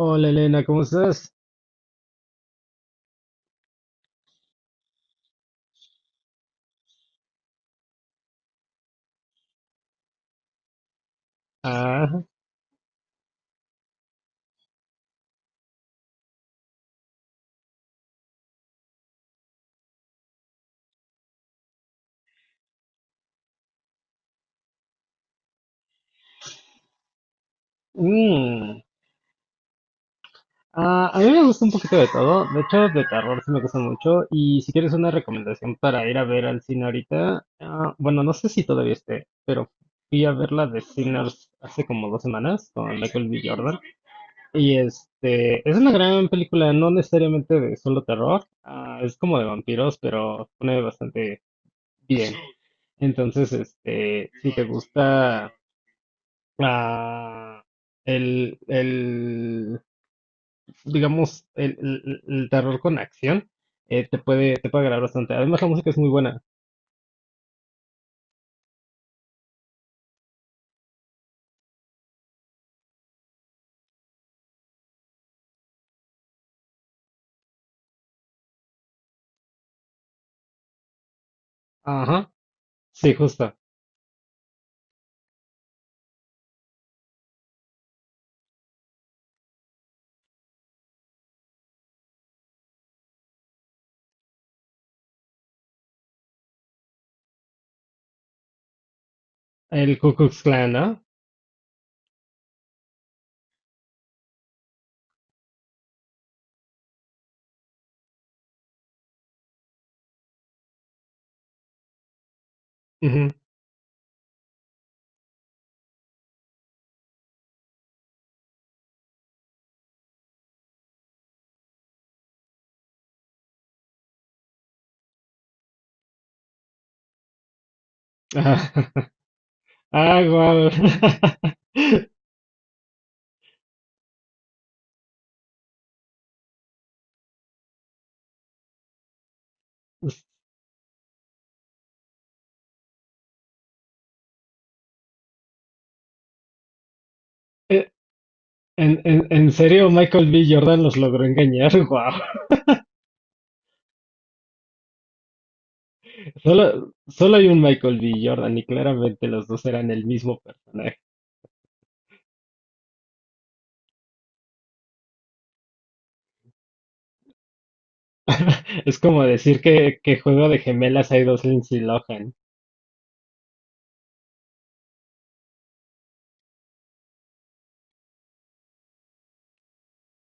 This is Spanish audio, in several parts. Hola Elena, ¿cómo estás? Ah, mm. A mí me gusta un poquito de todo, de hecho de terror sí me gusta mucho. Y si quieres una recomendación para ir a ver al cine ahorita, bueno, no sé si todavía esté, pero fui a ver la de Sinners hace como dos semanas con Michael B. Jordan, y este es una gran película, no necesariamente de solo terror. Es como de vampiros, pero pone bastante bien. Entonces, este, si te gusta... ah, el, el, digamos, el terror con acción, te puede agradar bastante. Además, la música es muy buena. Ajá, sí, justo. El Ku Klux Klan, ¿no? Ujú. Ah, guau. Eh, en serio, Michael B. Jordan los logró engañar. Wow. Solo, solo hay un Michael B. Jordan y claramente los dos eran el mismo personaje. Es como decir que, Juego de Gemelas hay dos Lindsay Lohan.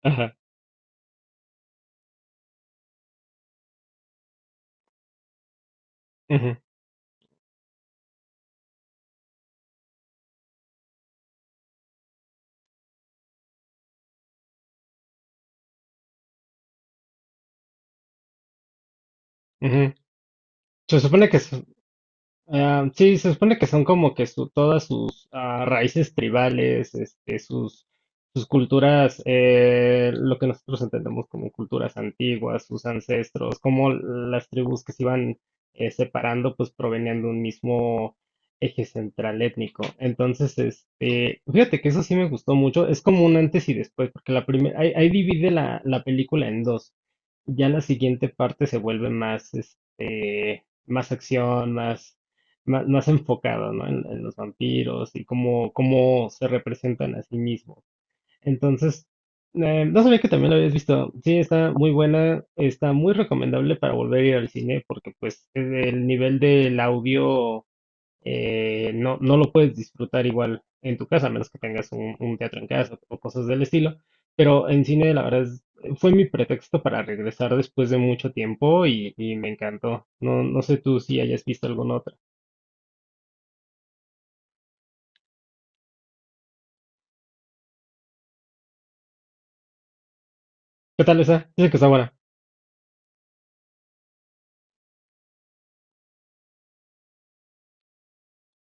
Ajá, ujú, ujú. Se supone que se... ah, sí, se supone que son como que su, todas sus raíces tribales, este, sus, sus culturas, lo que nosotros entendemos como culturas antiguas, sus ancestros, como las tribus que se iban separando, pues provenían de un mismo eje central étnico. Entonces, este, fíjate que eso sí me gustó mucho, es como un antes y después, porque la primera, ahí, ahí divide la, la película en dos. Ya la siguiente parte se vuelve más, este, más acción, más más enfocado, ¿no? En los vampiros y cómo, cómo se representan a sí mismos. Entonces, no sabía que también lo habías visto. Sí, está muy buena, está muy recomendable para volver a ir al cine, porque pues el nivel del audio no, no lo puedes disfrutar igual en tu casa, a menos que tengas un teatro en casa o cosas del estilo. Pero en cine, la verdad es, fue mi pretexto para regresar después de mucho tiempo y me encantó. No, no sé tú si hayas visto alguna otra. ¿Qué tal esa? Dice que está buena.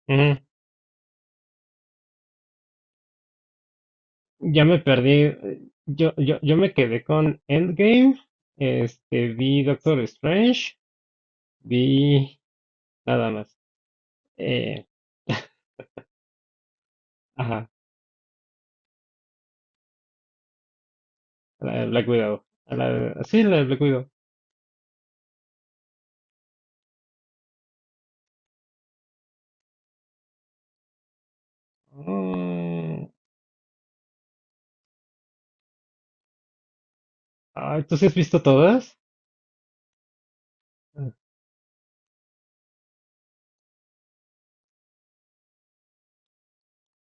Ujú. Ya me perdí. Yo, yo me quedé con Endgame. Este, vi Doctor Strange. Vi nada más. Eh, ajá, la de Black Widow. Sí, la de Black Widow. Mm, ay, ¿tú sí has visto todas?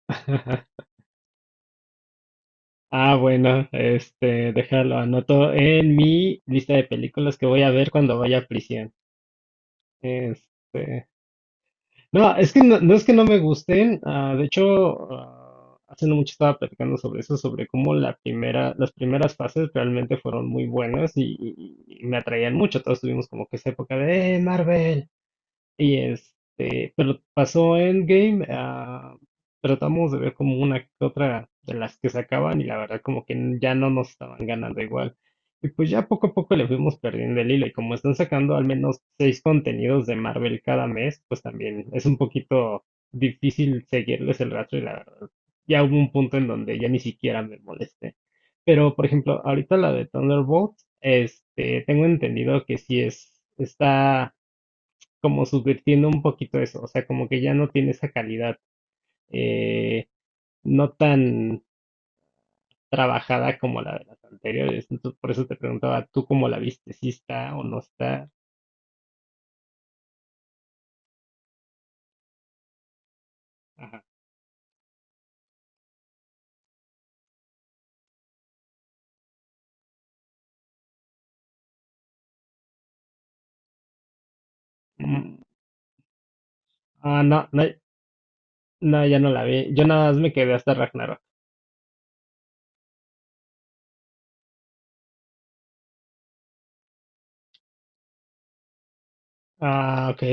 Ah, bueno, este, déjalo, anoto en mi lista de películas que voy a ver cuando vaya a prisión. Este. No, es que no, no es que no me gusten. De hecho, hace no mucho estaba platicando sobre eso, sobre cómo la primera, las primeras fases realmente fueron muy buenas, y me atraían mucho. Todos tuvimos como que esa época de Marvel". Y este, pero pasó Endgame. Tratamos de ver como una que otra de las que sacaban y la verdad como que ya no nos estaban ganando igual. Y pues ya poco a poco le fuimos perdiendo el hilo, y como están sacando al menos seis contenidos de Marvel cada mes, pues también es un poquito difícil seguirles el rastro, y la verdad ya hubo un punto en donde ya ni siquiera me molesté. Pero por ejemplo, ahorita la de Thunderbolt, este, tengo entendido que sí es, está como subvirtiendo un poquito eso, o sea, como que ya no tiene esa calidad eh, no tan trabajada como la de las anteriores. Entonces, por eso te preguntaba, ¿tú cómo la viste? ¿Si está o no está? Ajá. Mm, ah, no, no, no, ya no la vi. Yo nada más me quedé hasta Ragnarok. Ah, ok.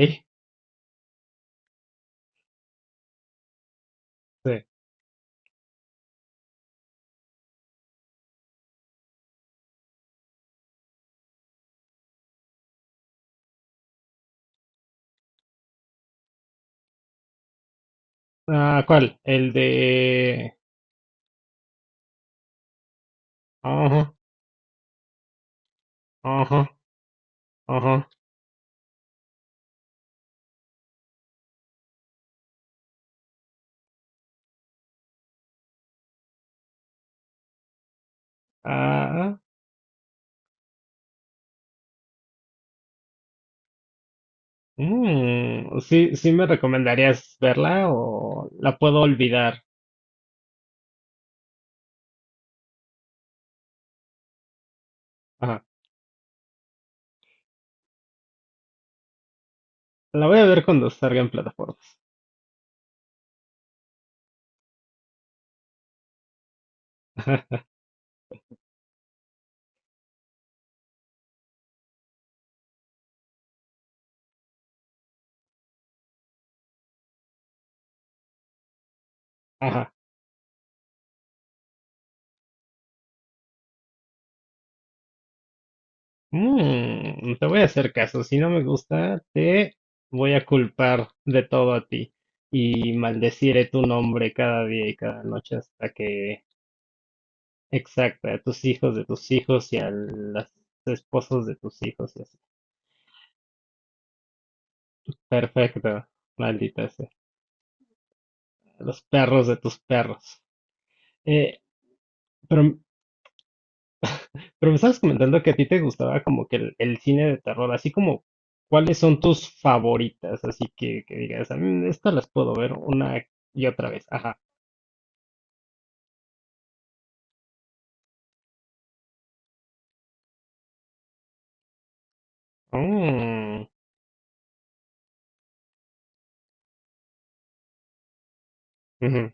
Sí. Ah, ¿cuál? El de... Ajá, ajá, ajá. Ah, mm, sí, ¿sí me recomendarías verla o la puedo olvidar? La voy a ver cuando salga en plataformas. Ajá. Mm, te voy a hacer caso. Si no me gusta, te voy a culpar de todo a ti y maldeciré tu nombre cada día y cada noche hasta que... exacta a tus hijos de tus hijos y a los esposos de tus hijos y así. Perfecto, maldita sea. A los perros de tus perros. Eh, pero... pero me estabas comentando que a ti te gustaba como que el cine de terror, así como, ¿cuáles son tus favoritas? Así que digas, "Mm, estas las puedo ver una y otra vez". Ajá. Mm, ujú,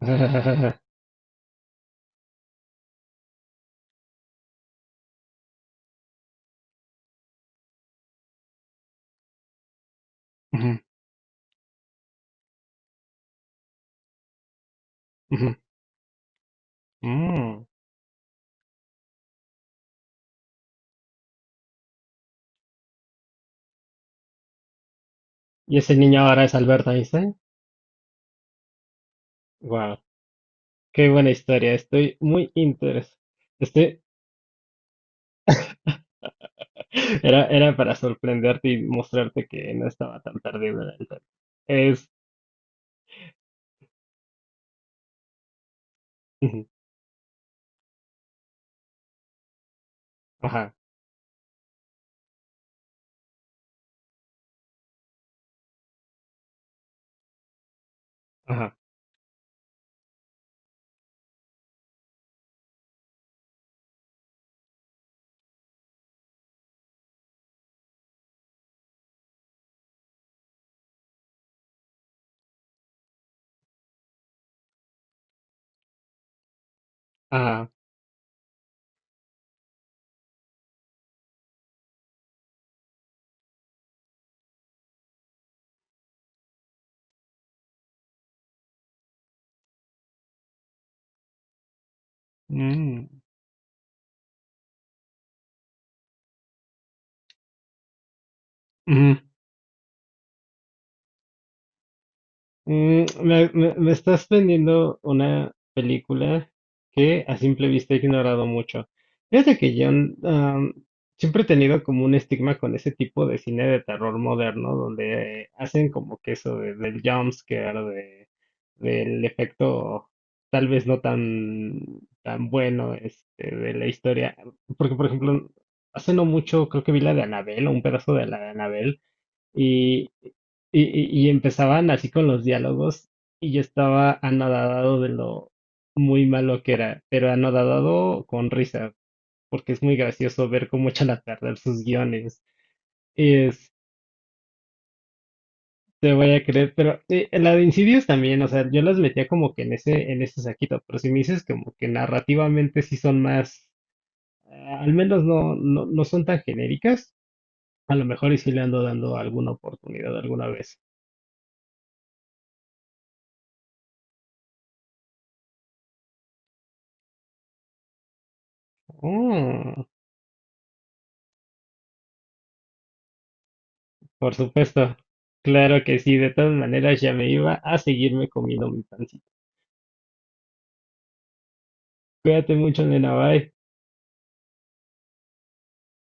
ujú, ujú, mm. Y ese niño ahora es Albert Einstein. Wow, qué buena historia. Estoy muy interesado. Estoy... era, era para sorprenderte y mostrarte que no estaba tan perdido en tema. Es. Ujú, ajá, ajá, ajá. mm, Mm, me, me estás vendiendo una película que a simple vista he ignorado mucho. Fíjate que yo mm, siempre he tenido como un estigma con ese tipo de cine de terror moderno, donde hacen como que eso del jumpscare, de, del efecto tal vez no tan, tan bueno este, de la historia. Porque, por ejemplo, hace no mucho creo que vi la de Annabelle o un pedazo de la de Annabelle, y, y empezaban así con los diálogos, y yo estaba anodadado de lo muy malo que era, pero anodadado con risa, porque es muy gracioso ver cómo echa la tarde sus guiones. Es... te voy a creer, pero la de Insidious también, o sea, yo las metía como que en ese saquito, pero si me dices como que narrativamente sí son más, al menos no, no, no son tan genéricas, a lo mejor y sí le ando dando alguna oportunidad alguna vez. Oh. Por supuesto, claro que sí, de todas maneras ya me iba a seguirme comiendo mi pancito. Cuídate mucho, nena, bye.